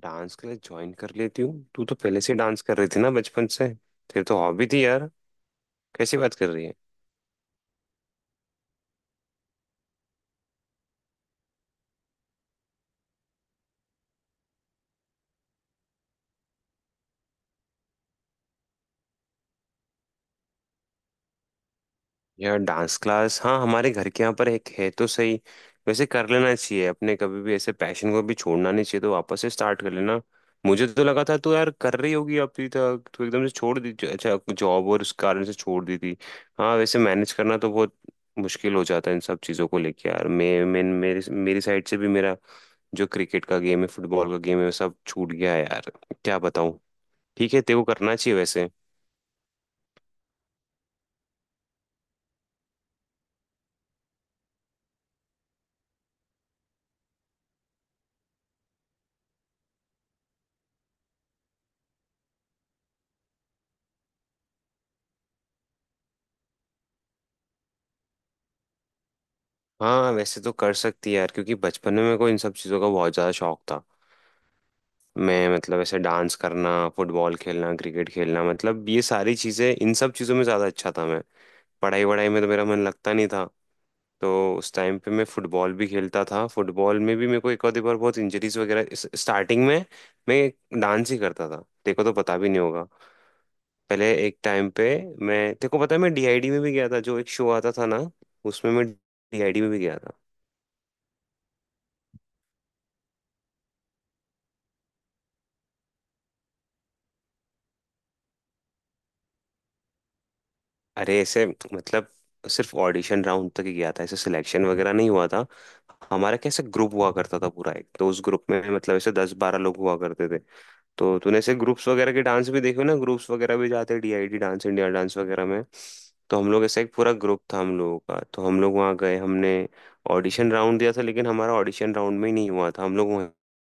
Dance के लिए join कर लेती हूँ। तू तो पहले से डांस कर रही थी ना, बचपन से तेरी तो हॉबी थी यार। कैसी बात कर रही है। यार डांस क्लास, हाँ हमारे घर के यहाँ पर एक है तो सही। वैसे कर लेना चाहिए अपने, कभी भी ऐसे पैशन को भी छोड़ना नहीं चाहिए, तो वापस से स्टार्ट कर लेना। मुझे तो लगा था तो यार कर रही होगी अभी तक, तो एकदम से छोड़ दी। अच्छा जॉब और उस कारण से छोड़ दी थी। हाँ वैसे मैनेज करना तो बहुत मुश्किल हो जाता है इन सब चीज़ों को लेके यार। मैं मेरे मेरी साइड से भी मेरा जो क्रिकेट का गेम है, फुटबॉल का गेम है, वो सब छूट गया है यार, क्या बताऊँ। ठीक है तेरे को करना चाहिए वैसे। हाँ वैसे तो कर सकती है यार, क्योंकि बचपन में मेरे को इन सब चीज़ों का बहुत ज़्यादा शौक था। मैं मतलब ऐसे डांस करना, फुटबॉल खेलना, क्रिकेट खेलना, मतलब ये सारी चीज़ें, इन सब चीज़ों में ज़्यादा अच्छा था मैं। पढ़ाई वढ़ाई में तो मेरा मन लगता नहीं था। तो उस टाइम पे मैं फुटबॉल भी खेलता था, फुटबॉल में भी मेरे को एक आधी बार बहुत इंजरीज वगैरह। स्टार्टिंग में मैं डांस ही करता था, देखो तो पता भी नहीं होगा। पहले एक टाइम पे, मैं तेरे को पता है मैं डीआईडी में भी गया था, जो एक शो आता था ना, उसमें मैं डीआईडी में भी गया था। अरे ऐसे मतलब सिर्फ ऑडिशन राउंड तक ही गया था, ऐसे सिलेक्शन वगैरह नहीं हुआ था हमारा। कैसे ग्रुप हुआ करता था पूरा एक, तो उस ग्रुप में मतलब ऐसे 10-12 लोग हुआ करते थे। तो तूने ऐसे ग्रुप्स वगैरह के डांस भी देखे हो ना, ग्रुप्स वगैरह भी जाते हैं डीआईडी डांस इंडिया डांस वगैरह में। तो हम लोग ऐसा एक पूरा ग्रुप था हम लोगों का, तो हम लोग वहाँ गए, हमने ऑडिशन राउंड दिया था, लेकिन हमारा ऑडिशन राउंड में ही नहीं हुआ था, हम लोग वहीं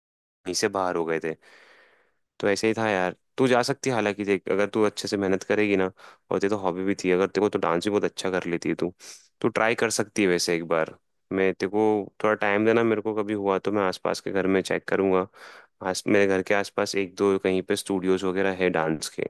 से बाहर हो गए थे। तो ऐसे ही था यार, तू जा सकती है। हालांकि देख अगर तू अच्छे से मेहनत करेगी ना, और तेरे तो हॉबी भी थी, अगर तेरे को तो डांस भी बहुत अच्छा कर लेती है तू, तू ट्राई कर सकती है वैसे एक बार। मैं तेरे को थोड़ा टाइम देना, मेरे को कभी हुआ तो मैं आसपास के घर में चेक करूंगा, आस मेरे घर के आसपास एक दो कहीं पे स्टूडियोज वगैरह है डांस के।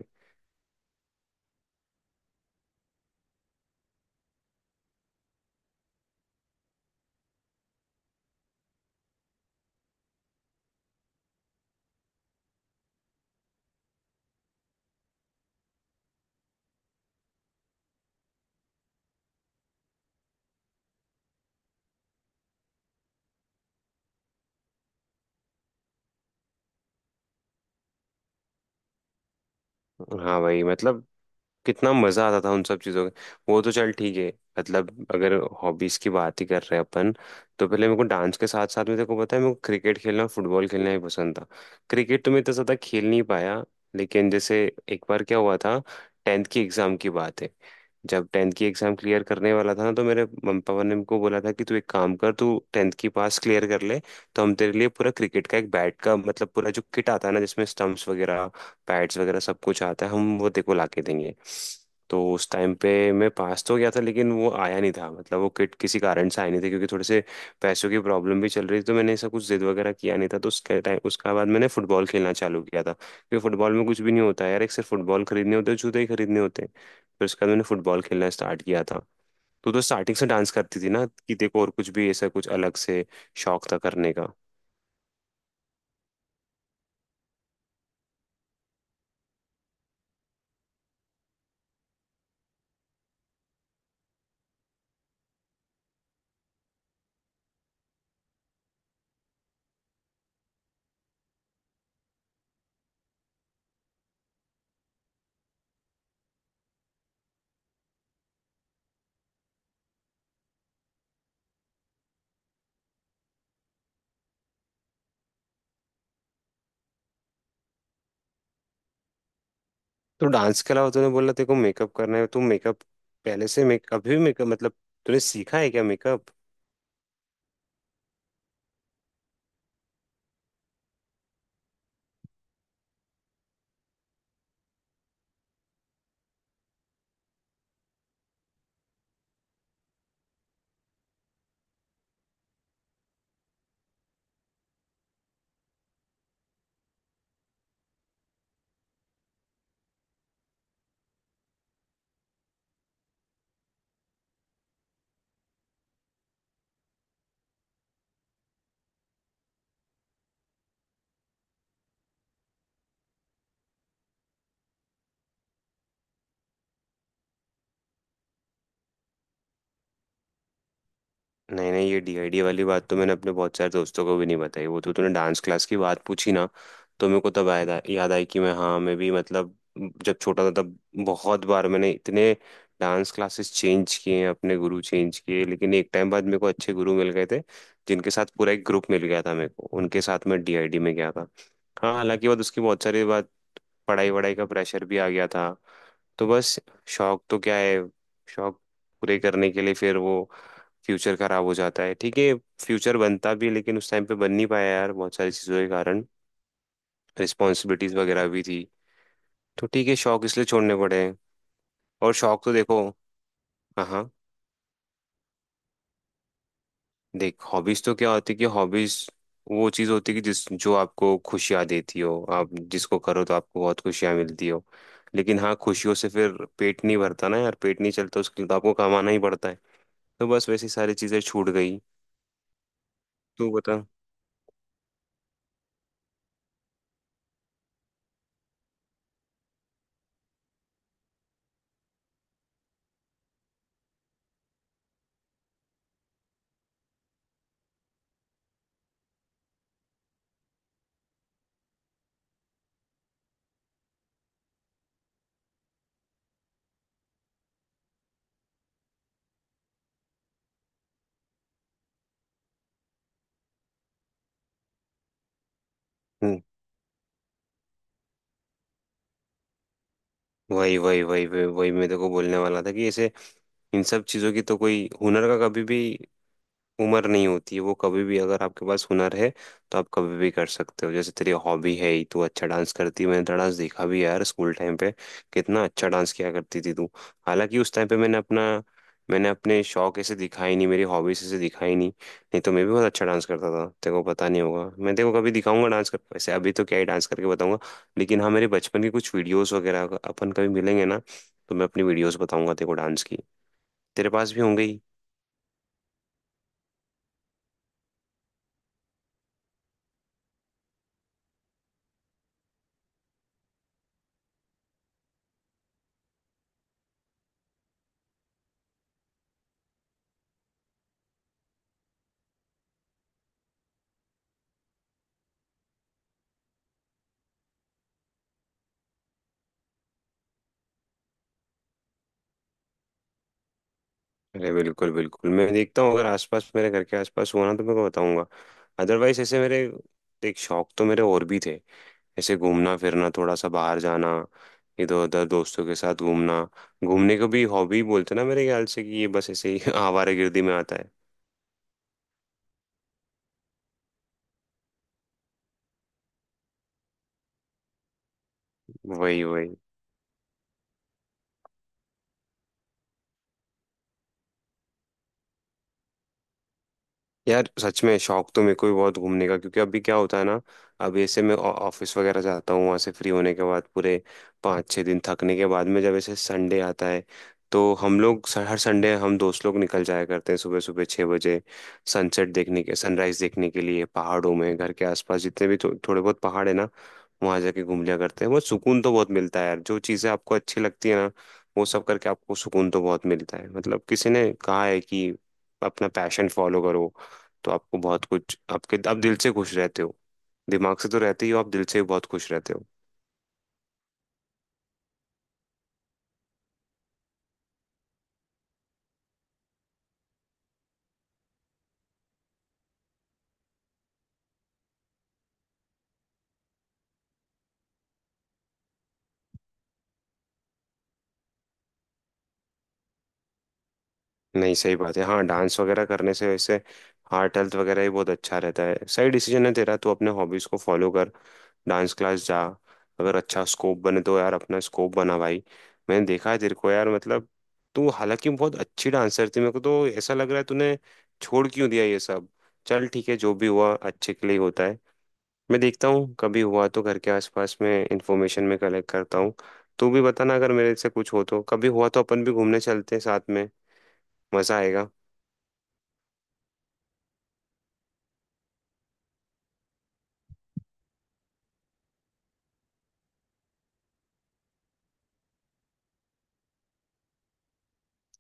हाँ भाई मतलब कितना मजा आता था उन सब चीजों में। वो तो चल ठीक है, मतलब अगर हॉबीज की बात ही कर रहे हैं अपन, तो पहले मेरे को डांस के साथ साथ में, देखो पता है मेरे को क्रिकेट खेलना फुटबॉल खेलना भी पसंद था। क्रिकेट तो मैं इतना ज्यादा खेल नहीं पाया, लेकिन जैसे एक बार क्या हुआ था, टेंथ की एग्जाम की बात है। जब टेंथ की एग्जाम क्लियर करने वाला था ना, तो मेरे मम पापा ने मेरे बोला था कि तू एक काम कर, तू टेंथ की पास क्लियर कर ले, तो हम तेरे लिए पूरा क्रिकेट का एक बैट का मतलब पूरा जो किट आता है ना, जिसमें स्टंप्स वगैरह पैड्स वगैरह सब कुछ आता है, हम वो तेको ला के देंगे। तो उस टाइम पे मैं पास तो गया था, लेकिन वो आया नहीं था, मतलब वो किट किसी कारण से आया नहीं था, क्योंकि थोड़े से पैसों की प्रॉब्लम भी चल रही थी, तो मैंने ऐसा कुछ जिद वगैरह किया नहीं था। तो उसके टाइम उसके बाद मैंने फुटबॉल खेलना चालू किया था, क्योंकि फुटबॉल में कुछ भी नहीं होता है यार, एक सिर्फ फुटबॉल खरीदने होते हैं, जूते ही खरीदने होते हैं। फिर उसके बाद मैंने फुटबॉल खेलना स्टार्ट किया था। तो स्टार्टिंग से डांस करती थी ना, कि देखो और कुछ भी ऐसा कुछ अलग से शौक था करने का। तो डांस के अलावा तूने बोला तेरे को मेकअप करना है, तुम मेकअप पहले से, मेक अभी भी मेकअप मतलब, तूने सीखा है क्या मेकअप। नहीं नहीं, ये डीआईडी वाली बात तो मैंने अपने बहुत सारे दोस्तों को भी नहीं बताई, वो तो तूने डांस क्लास की बात पूछी ना, तो मेरे को तब आया, याद आई कि मैं हाँ मैं भी मतलब, जब छोटा था तब बहुत बार मैंने इतने डांस क्लासेस चेंज किए हैं, अपने गुरु चेंज किए, लेकिन एक टाइम बाद मेरे को अच्छे गुरु मिल गए थे, जिनके साथ पूरा एक ग्रुप मिल गया था मेरे को, उनके साथ मैं डीआईडी में गया था। हाँ हालांकि बाद उसकी बहुत सारी बात, पढ़ाई वढ़ाई का प्रेशर भी आ गया था, तो बस। शौक तो क्या है, शौक पूरे करने के लिए फिर वो फ्यूचर खराब हो जाता है। ठीक है, फ्यूचर बनता भी है, लेकिन उस टाइम पे बन नहीं पाया यार, बहुत सारी चीज़ों के कारण, रिस्पॉन्सिबिलिटीज वगैरह भी थी, तो ठीक है, शौक इसलिए छोड़ने पड़े हैं। और शौक तो देखो, हाँ हाँ, देख हॉबीज तो क्या होती है, कि हॉबीज वो चीज़ होती है कि जिस, जो आपको खुशियाँ देती हो, आप जिसको करो तो आपको बहुत खुशियाँ मिलती हो। लेकिन हाँ, खुशियों से फिर पेट नहीं भरता ना यार, पेट नहीं चलता, उसके लिए तो आपको कमाना ही पड़ता है, तो बस वैसी सारी चीज़ें छूट गई। तू बता। हम्म वही वही वही वही वही मैं तेरे को बोलने वाला था कि ऐसे इन सब चीजों की तो कोई, हुनर का कभी भी उम्र नहीं होती है, वो कभी भी अगर आपके पास हुनर है तो आप कभी भी कर सकते हो। जैसे तेरी हॉबी है ही, तू अच्छा डांस करती है, मैंने तेरा डांस देखा भी है यार, स्कूल टाइम पे कितना अच्छा डांस किया करती थी तू। हालांकि उस टाइम पे मैंने अपना, मैंने अपने शौक ऐसे दिखाई नहीं, मेरी हॉबीज ऐसे दिखाई नहीं, नहीं तो मैं भी बहुत अच्छा डांस करता था, तेरे को पता नहीं होगा। मैं तेरे को कभी दिखाऊंगा डांस कर, वैसे अभी तो क्या ही डांस करके बताऊंगा, लेकिन हाँ मेरे बचपन की कुछ वीडियोस वगैरह, अगर अपन कभी मिलेंगे ना, तो मैं अपनी वीडियोस बताऊंगा तेरे को डांस की, तेरे पास भी होंगे ही। अरे बिल्कुल बिल्कुल, मैं देखता हूँ, अगर आसपास मेरे घर के आसपास हुआ ना, तो मैं को बताऊंगा। अदरवाइज ऐसे मेरे एक शौक तो मेरे और भी थे, ऐसे घूमना फिरना, थोड़ा सा बाहर जाना, इधर उधर दोस्तों के साथ घूमना। घूमने को भी हॉबी बोलते ना मेरे ख्याल से, कि ये बस ऐसे ही आवारागर्दी में आता है। वही वही यार सच में शौक तो मेरे को भी बहुत घूमने का, क्योंकि अभी क्या होता है ना, अब ऐसे मैं ऑफिस वगैरह जाता हूँ, वहाँ से फ्री होने के बाद पूरे 5-6 दिन थकने के बाद में, जब ऐसे संडे आता है, तो हम लोग हर संडे हम दोस्त लोग निकल जाया करते हैं सुबह सुबह 6 बजे, सनसेट देखने के, सनराइज देखने के लिए, पहाड़ों में घर के आसपास जितने भी थोड़े बहुत पहाड़ है ना, वहाँ जाके घूम लिया करते हैं। बहुत सुकून तो बहुत मिलता है यार, जो चीज़ें आपको अच्छी लगती है ना, वो सब करके आपको सुकून तो बहुत मिलता है। मतलब किसी ने कहा है कि अपना पैशन फॉलो करो, तो आपको बहुत कुछ, आपके आप दिल से खुश रहते हो, दिमाग से तो रहते ही हो, आप दिल से भी बहुत खुश रहते हो। नहीं सही बात है, हाँ डांस वगैरह करने से वैसे हार्ट हेल्थ वगैरह भी बहुत अच्छा रहता है। सही डिसीजन है तेरा, तू अपने हॉबीज को फॉलो कर, डांस क्लास जा, अगर अच्छा स्कोप बने तो यार अपना स्कोप बना भाई। मैंने देखा है तेरे को यार, मतलब तू हालांकि बहुत अच्छी डांसर थी, मेरे को तो ऐसा लग रहा है तूने छोड़ क्यों दिया ये सब। चल ठीक है, जो भी हुआ अच्छे के लिए ही होता है। मैं देखता हूँ कभी हुआ तो घर के आसपास में इंफॉर्मेशन में कलेक्ट करता हूँ, तू भी बताना अगर मेरे से कुछ हो तो। कभी हुआ तो अपन भी घूमने चलते हैं साथ में, मज़ा आएगा।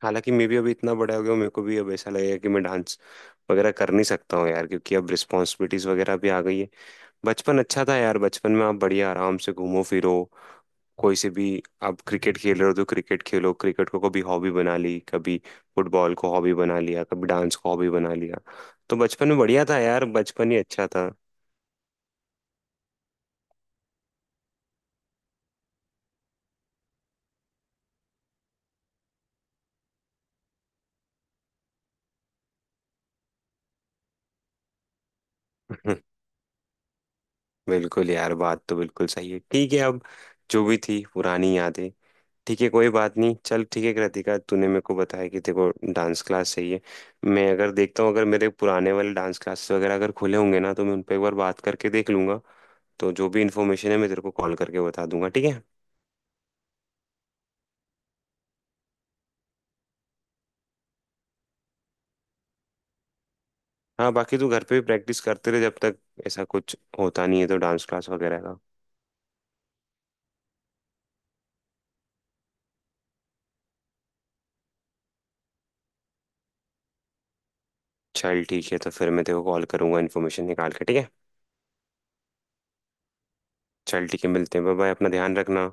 हालांकि मैं भी अभी इतना बड़ा हो गया हूँ, मेरे को भी अब ऐसा लगेगा कि मैं डांस वगैरह कर नहीं सकता हूँ यार, क्योंकि अब रिस्पॉन्सिबिलिटीज़ वगैरह भी आ गई है। बचपन अच्छा था यार, बचपन में आप बढ़िया आराम से घूमो फिरो, कोई से भी आप क्रिकेट खेल रहे हो तो क्रिकेट खेलो। क्रिकेट को कभी हॉबी बना ली, कभी फुटबॉल को हॉबी बना लिया, कभी डांस को हॉबी बना लिया, तो बचपन में बढ़िया था यार, बचपन ही अच्छा था। हम्म, बिल्कुल यार, बात तो बिल्कुल सही है। ठीक है, अब जो भी थी पुरानी यादें, ठीक है कोई बात नहीं। चल ठीक है कृतिका, तूने मेरे को बताया कि तेरे को डांस क्लास चाहिए, मैं अगर देखता हूँ, अगर मेरे पुराने वाले डांस क्लासेस वगैरह अगर खुले होंगे ना, तो मैं उन पर एक बार बात करके देख लूंगा, तो जो भी इन्फॉर्मेशन है मैं तेरे को कॉल करके बता दूंगा, ठीक है। हाँ बाकी तू घर पे भी प्रैक्टिस करते रहे, जब तक ऐसा कुछ होता नहीं है तो डांस क्लास वगैरह का। चल ठीक है, तो फिर मैं तेरे को कॉल करूंगा इन्फॉर्मेशन निकाल के, ठीक है। चल ठीक है, मिलते हैं, बाय बाय, अपना ध्यान रखना।